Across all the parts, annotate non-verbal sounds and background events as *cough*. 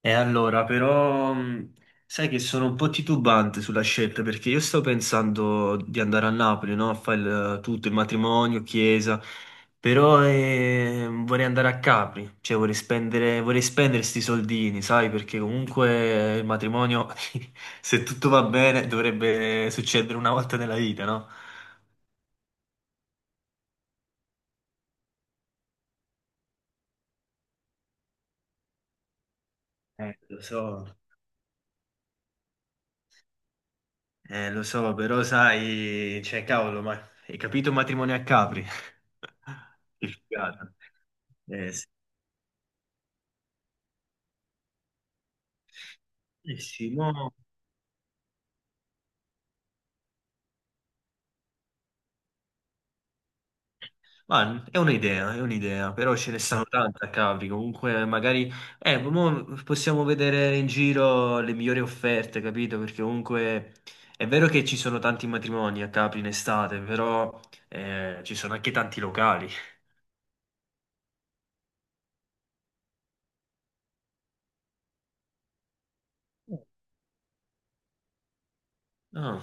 E allora, però, sai che sono un po' titubante sulla scelta perché io sto pensando di andare a Napoli, no? A fare tutto, il matrimonio, chiesa, però vorrei andare a Capri, cioè vorrei spendere sti soldini, sai? Perché comunque il matrimonio, *laughs* se tutto va bene, dovrebbe succedere una volta nella vita, no? Lo so. Lo so, però sai, cioè, cavolo, ma hai capito un matrimonio a Capri? *laughs* Che figata. Sì, eh sì, ma è un'idea, però ce ne stanno tante a Capri, comunque magari mo possiamo vedere in giro le migliori offerte, capito? Perché comunque è vero che ci sono tanti matrimoni a Capri in estate, però ci sono anche tanti locali. No.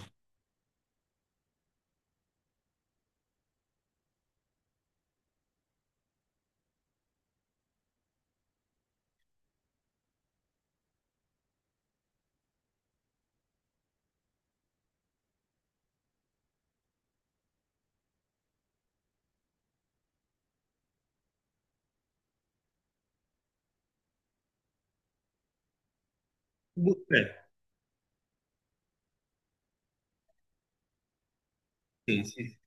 Buffet. Sì, sì.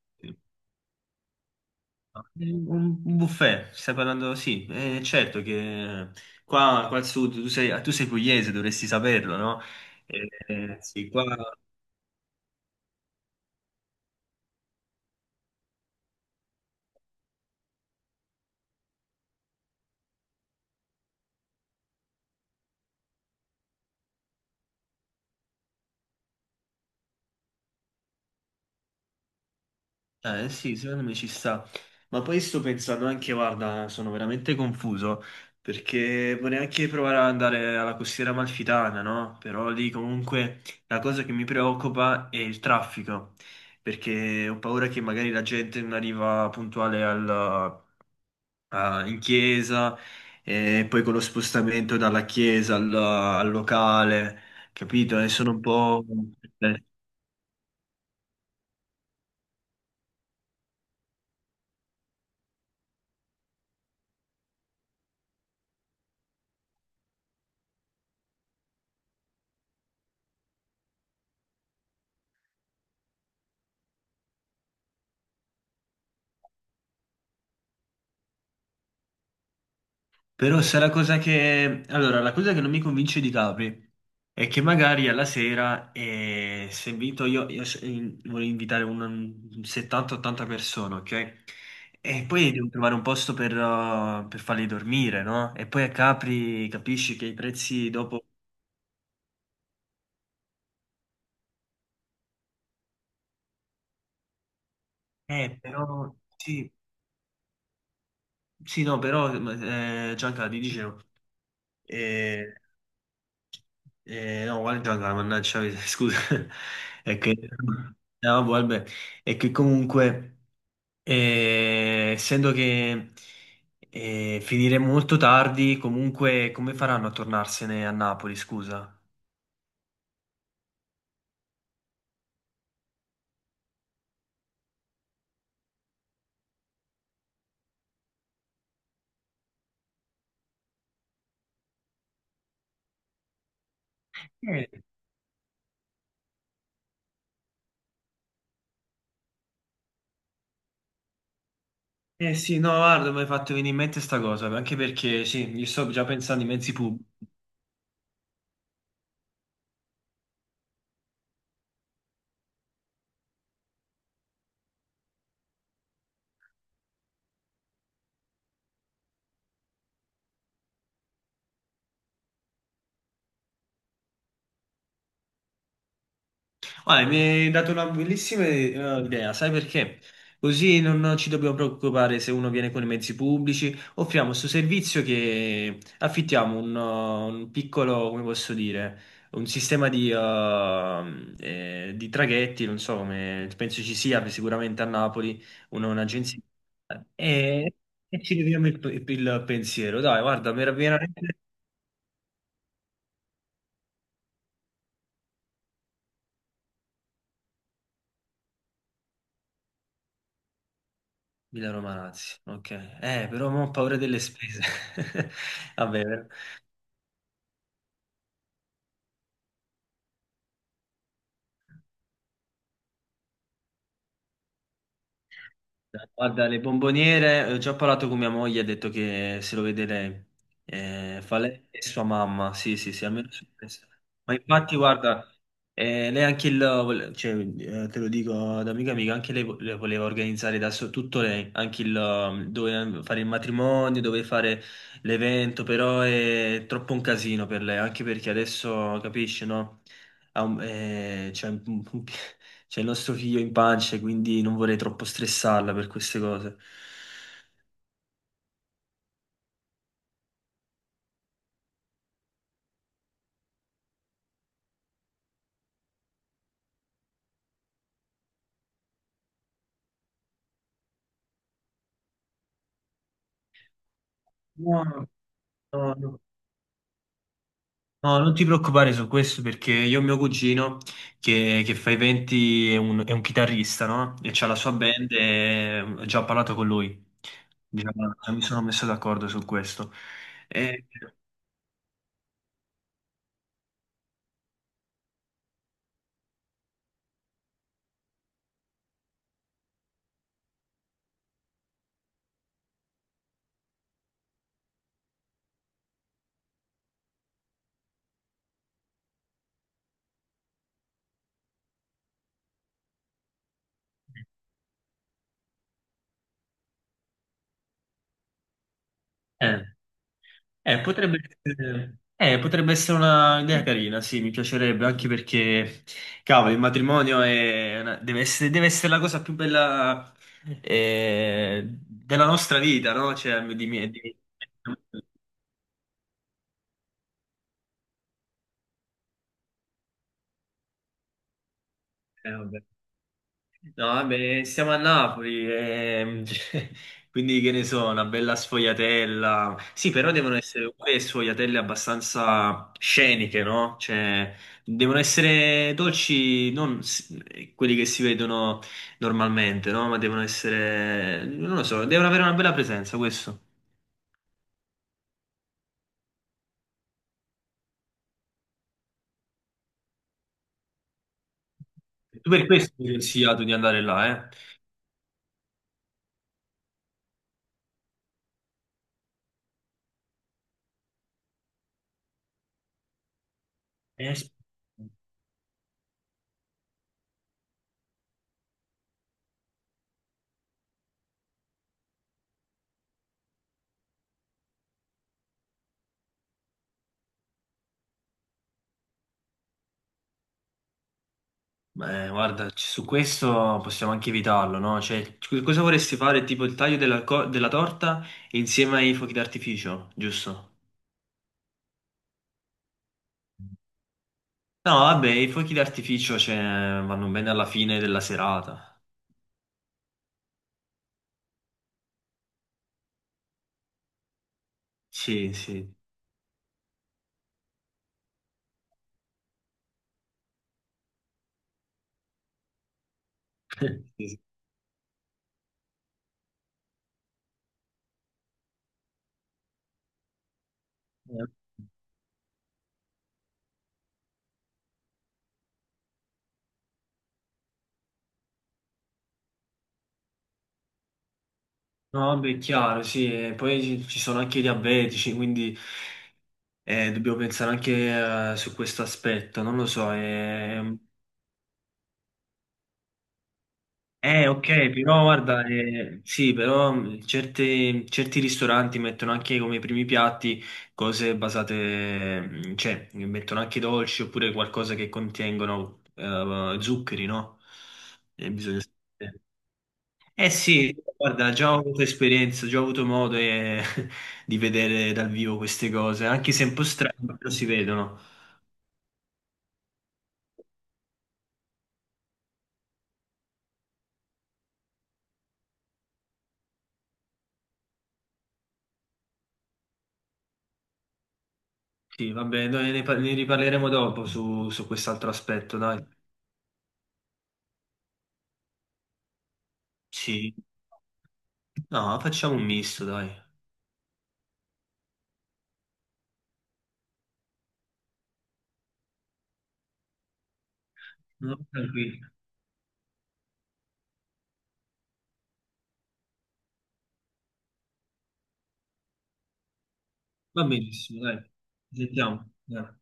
Un buffet, stai parlando? Sì, certo che qua al sud, tu sei pugliese, dovresti saperlo, no? Sì, qua, sì, secondo me ci sta. Ma poi sto pensando anche, guarda, sono veramente confuso, perché vorrei anche provare ad andare alla costiera amalfitana, no? Però lì comunque la cosa che mi preoccupa è il traffico, perché ho paura che magari la gente non arriva puntuale al in chiesa e poi con lo spostamento dalla chiesa al locale, capito? E sono un po'. eh, Però se la cosa che... Allora, la cosa che non mi convince di Capri è che magari alla sera, se invito io, voglio invitare un 70-80 persone, ok? E poi devo trovare un posto per farli dormire, no? E poi a Capri capisci che i prezzi dopo. Però, sì, sì, no, però Gianca ti dicevo, eh, no, guarda Gianca, mannaggia, *laughs* scusa, è che, no, vabbè, vabbè. È che comunque, essendo che finiremo molto tardi, comunque come faranno a tornarsene a Napoli, scusa? Eh, eh sì, no, guarda, mi hai fatto venire in mente sta cosa, anche perché sì, io sto già pensando ai mezzi pubblici. Ah, mi hai dato una bellissima idea, sai perché? Così non ci dobbiamo preoccupare se uno viene con i mezzi pubblici. Offriamo questo servizio che affittiamo un piccolo, come posso dire, un sistema di traghetti, non so come, penso ci sia sicuramente a Napoli un'agenzia. E, e ci leviamo il pensiero. Dai, guarda, mi era veramente. Milano Malazzi, ok. Però mo ho paura delle spese. *laughs* Vabbè, guarda, le bomboniere, ho già parlato con mia moglie, ha detto che se lo vede lei. Fa lei e sua mamma, sì, sì, sì, almeno su questo. Ma infatti, guarda, lei anche cioè, te lo dico da amica amica, anche lei le voleva organizzare tutto lei, anche il, dove fare il matrimonio, dove fare l'evento, però è troppo un casino per lei, anche perché adesso, capisci, no? Cioè, *laughs* c'è il nostro figlio in pancia, quindi non vorrei troppo stressarla per queste cose. No, no, no. No, non ti preoccupare su questo perché io ho mio cugino che fa i venti, è un chitarrista, no? E c'ha la sua band e ho già parlato con lui. Diciamo, già mi sono messo d'accordo su questo. E- eh. Eh, potrebbe potrebbe essere una idea carina, sì, mi piacerebbe, anche perché, cavolo, il matrimonio è deve essere la cosa più bella della nostra vita, no? Cioè, di me, vabbè. No, vabbè, siamo a Napoli, *laughs* cioè, quindi che ne so, una bella sfogliatella. Sì, però devono essere pure sfogliatelle abbastanza sceniche, no? Cioè, devono essere dolci, non quelli che si vedono normalmente, no? Ma devono essere, non lo so, devono avere una bella presenza, questo. Tu per questo mi hai consigliato di andare là, eh? Sì. Beh, guarda, su questo possiamo anche evitarlo, no? Cioè, cosa vorresti fare? Tipo il taglio della torta insieme ai fuochi d'artificio, giusto? No, vabbè, i fuochi d'artificio, cioè, vanno bene alla fine della serata. Sì, sì. *laughs* Sì, sì. Eh, no, vabbè, è chiaro, sì. E poi ci sono anche i diabetici, quindi dobbiamo pensare anche su questo aspetto. Non lo so. Ok, però guarda, sì, però certi ristoranti mettono anche come primi piatti cose basate, cioè mettono anche dolci oppure qualcosa che contengono zuccheri, no? E bisogna sapere. Eh sì, guarda, già ho avuto esperienza, già ho avuto modo *laughs* di vedere dal vivo queste cose, anche se un po' strane, però si vedono. Sì, vabbè, noi ne riparleremo dopo su, su quest'altro aspetto, dai. Sì. No, facciamo un misto, dai. No, tranquillo. Va benissimo, dai. Ci sentiamo. Dai.